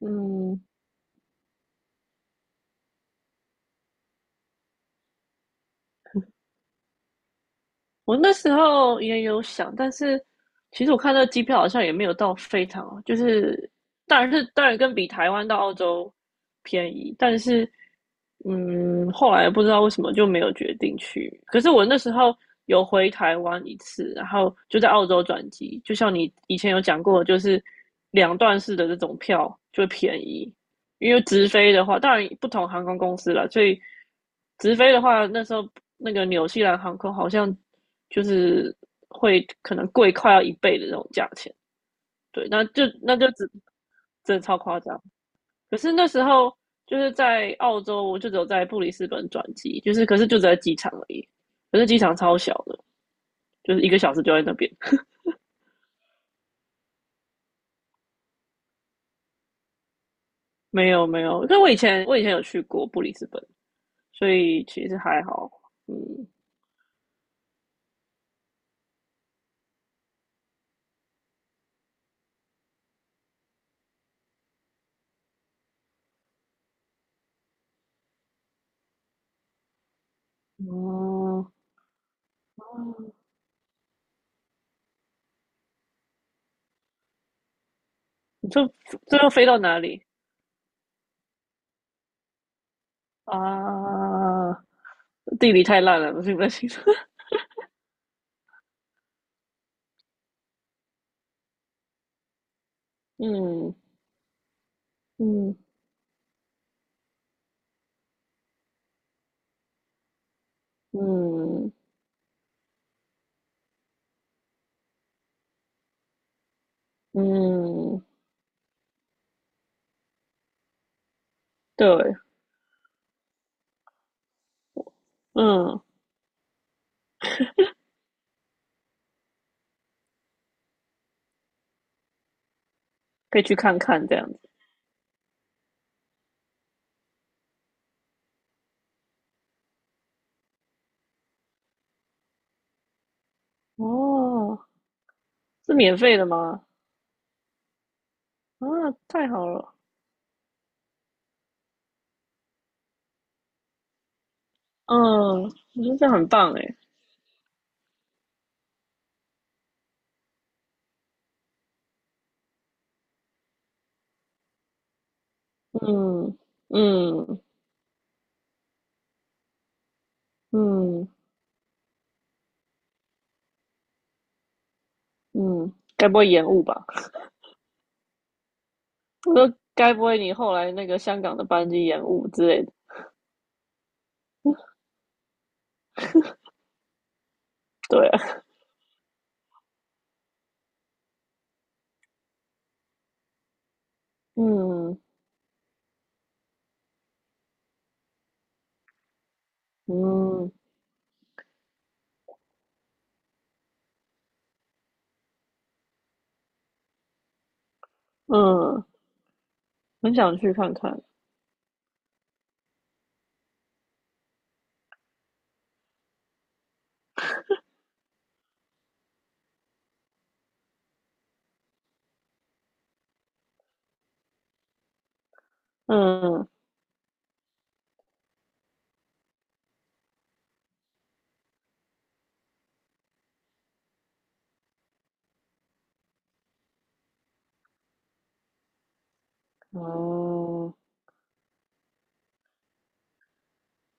嗯，我那时候也有想，但是其实我看那个机票好像也没有到非常啊，就是当然跟比台湾到澳洲便宜，但是嗯，后来不知道为什么就没有决定去。可是我那时候有回台湾一次，然后就在澳洲转机，就像你以前有讲过，就是两段式的这种票就便宜，因为直飞的话，当然不同航空公司了，所以直飞的话，那时候那个纽西兰航空好像就是会可能贵快要一倍的那种价钱。对，那就只真的超夸张。可是那时候就是在澳洲，我就只有在布里斯本转机，就是可是就只在机场而已，可是机场超小的，就是一个小时就在那边。没有没有，但我以前有去过布里斯本，所以其实还好，嗯。哦哦，这这要飞到哪里啊？地理太烂了，不行不行。嗯嗯嗯嗯，对，嗯，可以去看看这样子。哦，是免费的吗？啊，太好了。嗯，我觉得这样很棒哎。嗯嗯嗯嗯，该不会延误吧？我说该不会你后来那个香港的班机延误之类的？对啊，嗯嗯嗯，很想去看看。嗯，哦，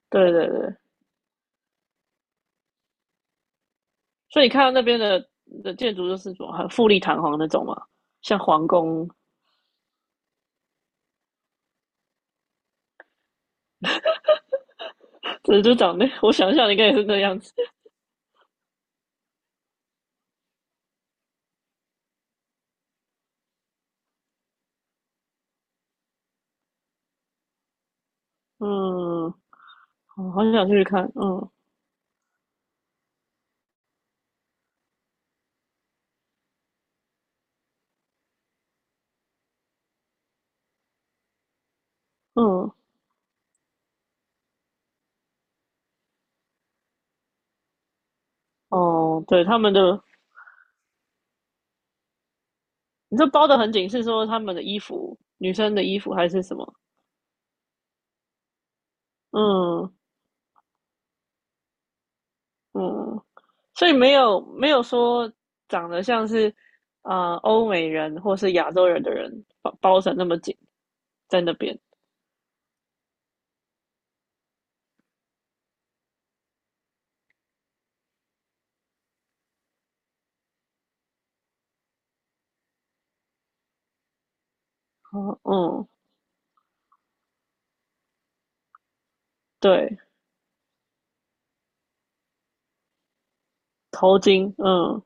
对对对，所以你看到那边的建筑就是什么很富丽堂皇那种嘛，像皇宫。对，就长那，我想象应该也是那样子。嗯，好好想去看。嗯嗯，哦，对，他们的，你这包的很紧，是说他们的衣服，女生的衣服还是什么？嗯嗯，所以没有说长得像是啊欧美人或是亚洲人的人包成那么紧在那边。哦嗯。对，头巾，嗯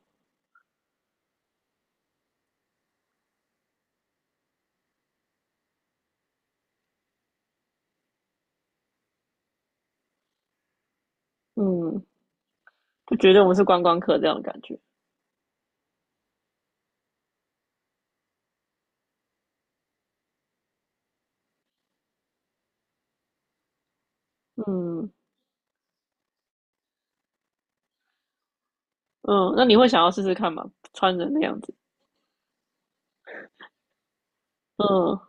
嗯，就觉得我们是观光客这样的感觉。嗯嗯，那你会想要试试看吗？穿人那样子，嗯，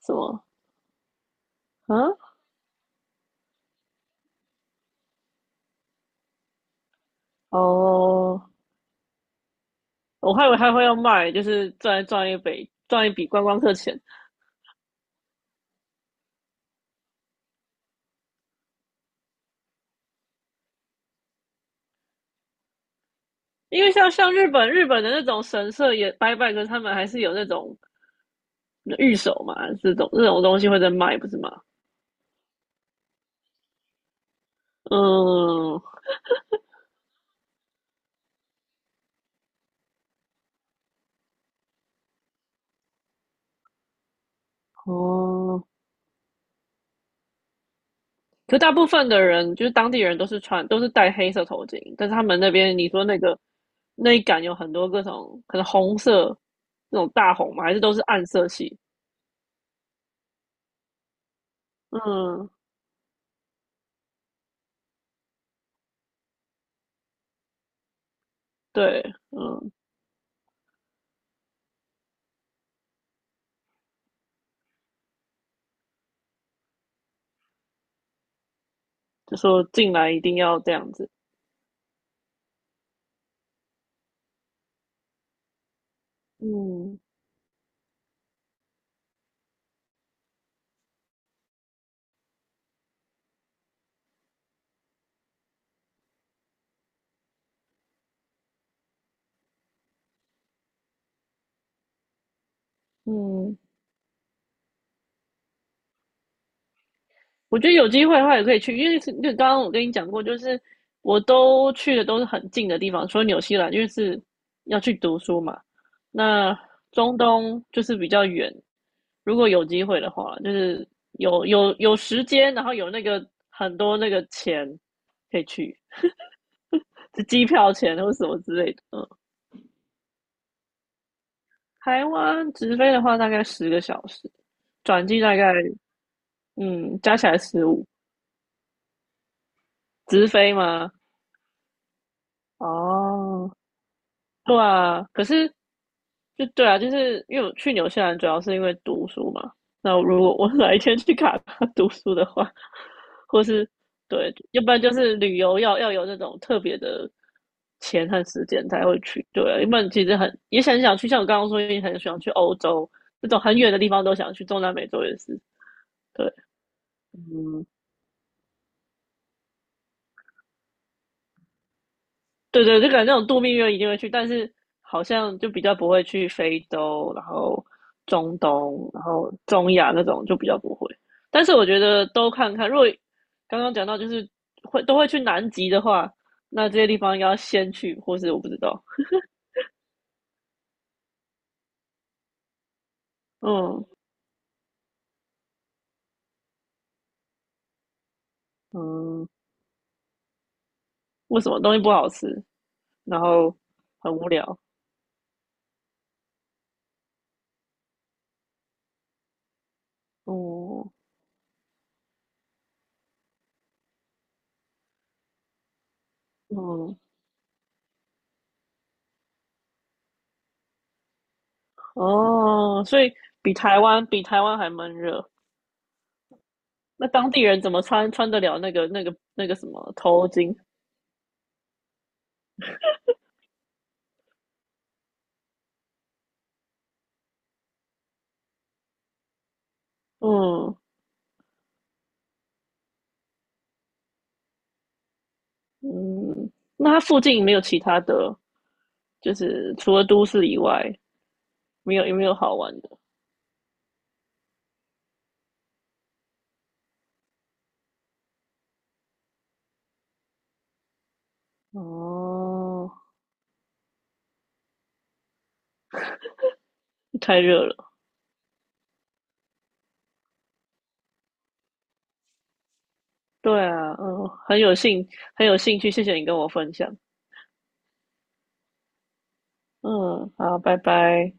什么啊？哦，我还以为他会要卖，就是赚一笔观光客钱，因为像日本的那种神社也拜拜，可是他们还是有那种御守嘛，这种东西会在卖，不是吗？嗯，哦。可大部分的人就是当地人都是戴黑色头巾，但是他们那边你说那个那一杆有很多各种可能红色那种大红嘛，还是都是暗色系。嗯，对，嗯，就说进来一定要这样子。嗯嗯。我觉得有机会的话也可以去，因为是就刚刚我跟你讲过，就是我都去的都是很近的地方，除了纽西兰，因为是要去读书嘛。那中东就是比较远，如果有机会的话，就是有时间，然后有那个很多那个钱可以去，是机票钱或什么之类的。嗯，台湾直飞的话大概10个小时，转机大概嗯加起来15。直飞吗？哦。对啊，可是就对啊，就是因为我去纽西兰主要是因为读书嘛。那如果我 哪一天去卡达 读书的话，或是对，要不然就是旅游要有那种特别的钱和时间才会去。对啊，要不然其实很也很想去，像我刚刚说，也很想去欧洲这种很远的地方都想去，中南美洲也是。对，嗯，对对，就感觉那种度蜜月一定会去，但是好像就比较不会去非洲，然后中东，然后中亚那种就比较不会。但是我觉得都看看，如果刚刚讲到就是会都会去南极的话，那这些地方应该要先去，或是我不知道，嗯嗯，为什么东西不好吃，然后很无聊，嗯嗯哦，所以比台湾还闷热。那当地人怎么穿得了那个那个什么头巾？嗯，那它附近没有其他的，就是除了都市以外，没有有没有好玩的？哦，太热了。对啊，嗯，很有兴趣，谢谢你跟我分享。嗯，好，拜拜。